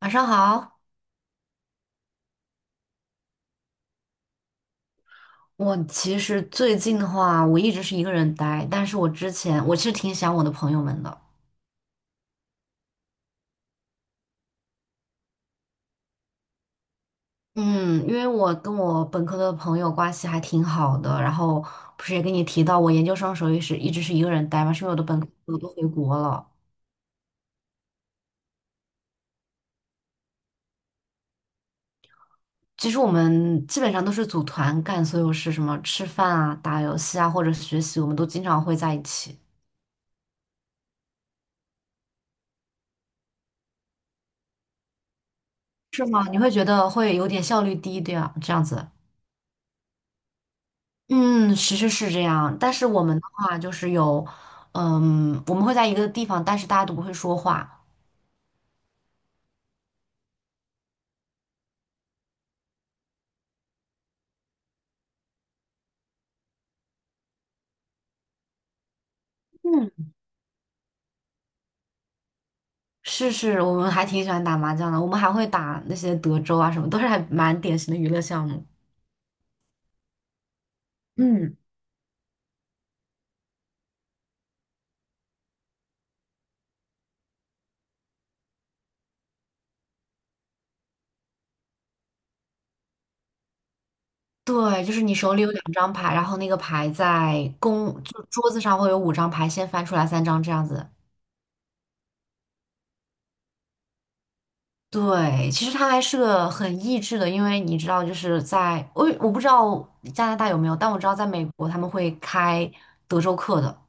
晚上好。我其实最近的话，我一直是一个人待，但是我之前我其实挺想我的朋友们的。嗯，因为我跟我本科的朋友关系还挺好的，然后不是也跟你提到我研究生时候也是一直是一个人待嘛，是因为我的本科朋友都回国了。其实我们基本上都是组团干所有事，什么吃饭啊、打游戏啊或者学习，我们都经常会在一起。是吗？你会觉得会有点效率低，对啊，这样子。嗯，其实是这样，但是我们的话就是有，嗯，我们会在一个地方，但是大家都不会说话。嗯，是是，我们还挺喜欢打麻将的，我们还会打那些德州啊什么，都是还蛮典型的娱乐项目。嗯，对，就是你手里有两张牌，然后那个牌在公，就桌子上会有五张牌，先翻出来三张这样子。对，其实它还是个很益智的，因为你知道，就是在我不知道加拿大有没有，但我知道在美国他们会开德州课的。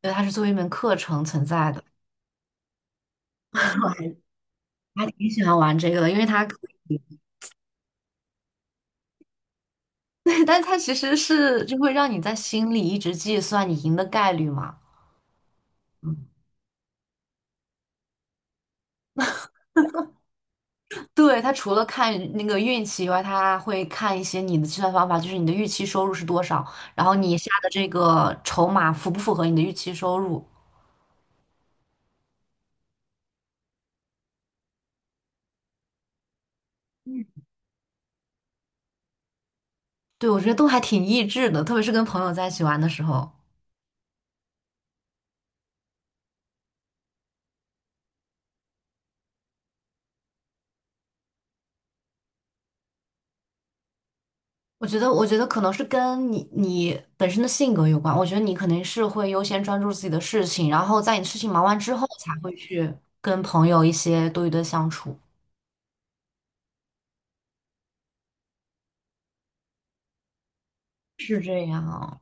对，它是作为一门课程存在的。我还挺喜欢玩这个的，因为它可以。对，但它其实是就会让你在心里一直计算你赢的概率嘛。对，它除了看那个运气以外，它会看一些你的计算方法，就是你的预期收入是多少，然后你下的这个筹码符不符合你的预期收入。对，我觉得都还挺益智的，特别是跟朋友在一起玩的时候。我觉得，我觉得可能是跟你本身的性格有关。我觉得你肯定是会优先专注自己的事情，然后在你事情忙完之后，才会去跟朋友一些多余的相处。是这样，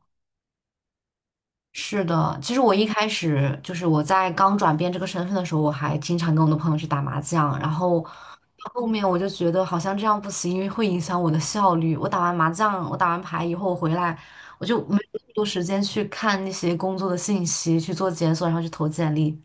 是的。其实我一开始就是我在刚转变这个身份的时候，我还经常跟我的朋友去打麻将，然后后面我就觉得好像这样不行，因为会影响我的效率。我打完麻将，我打完牌以后我回来，我就没有那么多时间去看那些工作的信息，去做检索，然后去投简历。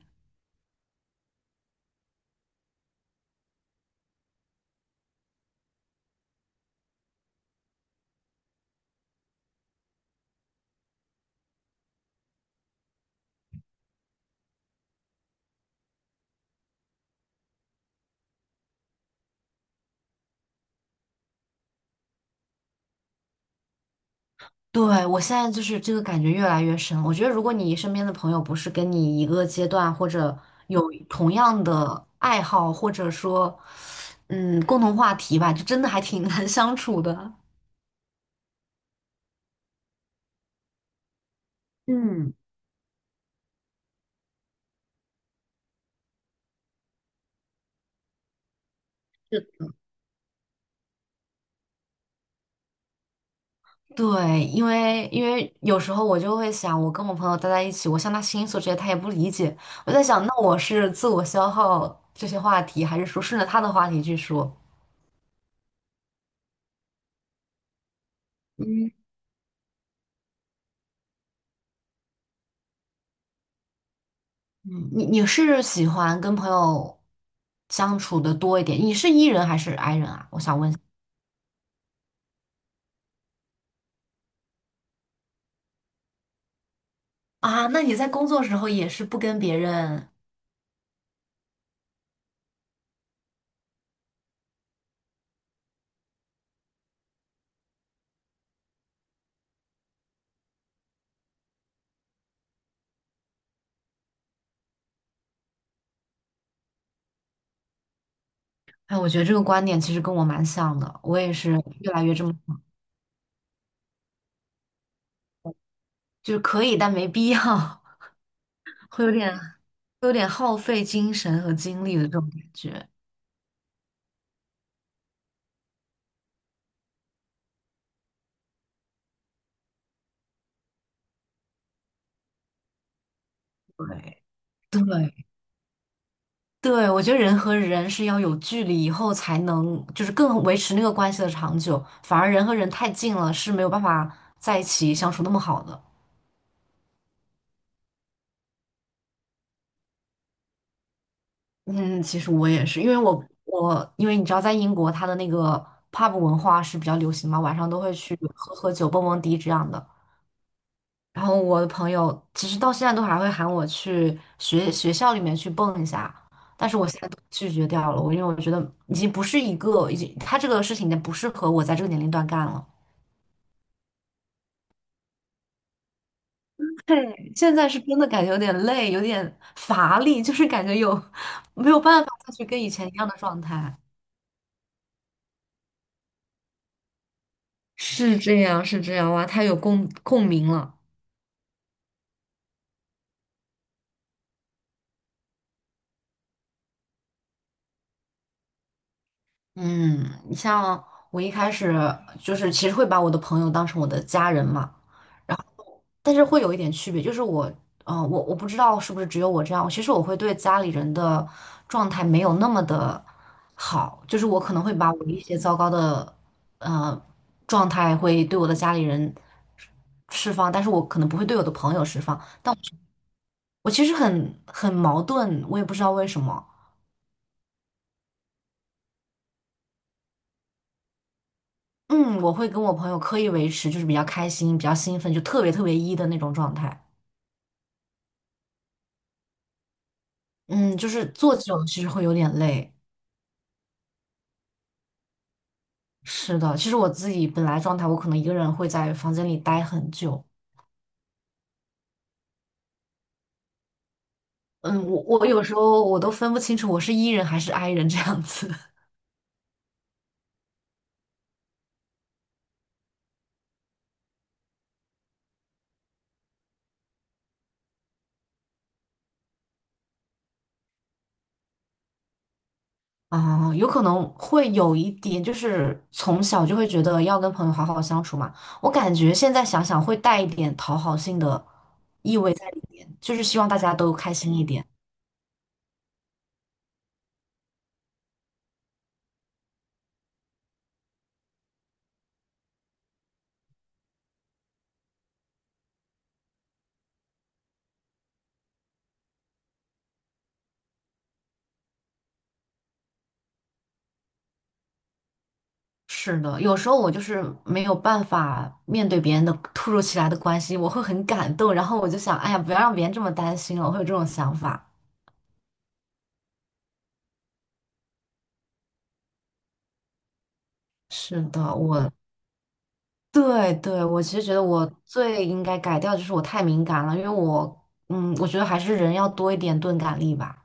对，我现在就是这个感觉越来越深。我觉得，如果你身边的朋友不是跟你一个阶段，或者有同样的爱好，或者说，嗯，共同话题吧，就真的还挺 难相处的。嗯对，因为有时候我就会想，我跟我朋友待在一起，我向他倾诉这些，他也不理解。我在想，那我是自我消耗这些话题，还是说顺着他的话题去说？嗯。嗯你是喜欢跟朋友相处的多一点？你是 E 人还是 I 人啊？我想问一下啊，那你在工作时候也是不跟别人。哎，我觉得这个观点其实跟我蛮像的，我也是越来越这么，就是可以，但没必要。会有点会有点耗费精神和精力的这种感觉。对对对，我觉得人和人是要有距离以后才能，就是更维持那个关系的长久，反而人和人太近了是没有办法在一起相处那么好的。嗯，其实我也是，因为我因为你知道，在英国它的那个 pub 文化是比较流行嘛，晚上都会去喝喝酒、蹦蹦迪这样的。然后我的朋友其实到现在都还会喊我去学学校里面去蹦一下，但是我现在都拒绝掉了，我因为我觉得已经不是一个，已经他这个事情已经不适合我在这个年龄段干了。对 现在是真的感觉有点累，有点乏力，就是感觉有没有办法再去跟以前一样的状态。是这样，是这样，哇，太有共共鸣了。嗯，你像我一开始就是其实会把我的朋友当成我的家人嘛，但是会有一点区别，就是我，我不知道是不是只有我这样，其实我会对家里人的状态没有那么的好，就是我可能会把我一些糟糕的呃状态会对我的家里人释放，但是我可能不会对我的朋友释放，但我我其实很很矛盾，我也不知道为什么。嗯，我会跟我朋友刻意维持，就是比较开心、比较兴奋，就特别特别一的那种状态。嗯，就是做久了其实会有点累。是的，其实我自己本来状态，我可能一个人会在房间里待很久。嗯，我有时候我都分不清楚我是 E 人还是 I 人这样子。啊、有可能会有一点，就是从小就会觉得要跟朋友好好相处嘛。我感觉现在想想会带一点讨好性的意味在里面，就是希望大家都开心一点。是的，有时候我就是没有办法面对别人的突如其来的关心，我会很感动，然后我就想，哎呀，不要让别人这么担心了，我会有这种想法。是的，我对对，我其实觉得我最应该改掉就是我太敏感了，因为我嗯，我觉得还是人要多一点钝感力吧。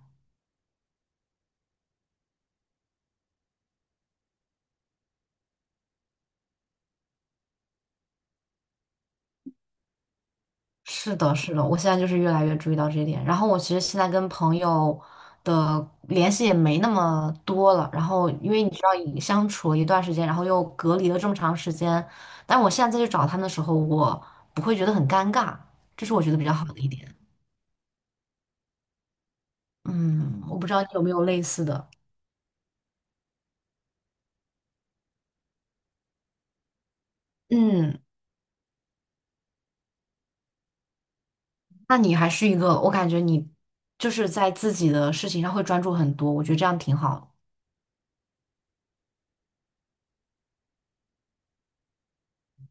是的，是的，我现在就是越来越注意到这一点。然后我其实现在跟朋友的联系也没那么多了。然后因为你知道，已相处了一段时间，然后又隔离了这么长时间，但我现在再去找他们的时候，我不会觉得很尴尬，这是我觉得比较好的一点。嗯，我不知道你有没有类似的。嗯，那你还是一个，我感觉你就是在自己的事情上会专注很多，我觉得这样挺好的。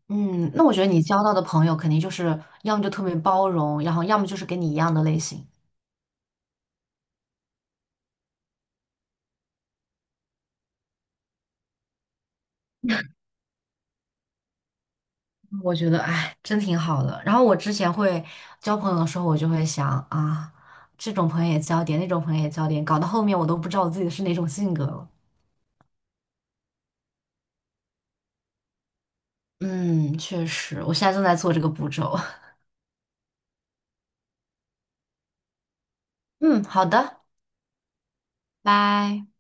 嗯，那我觉得你交到的朋友肯定就是要么就特别包容，然后要么就是跟你一样的类型。我觉得，哎，真挺好的。然后我之前会交朋友的时候，我就会想啊，这种朋友也交点，那种朋友也交点，搞到后面我都不知道我自己是哪种性格了。嗯，确实，我现在正在做这个步骤。嗯，好的，拜。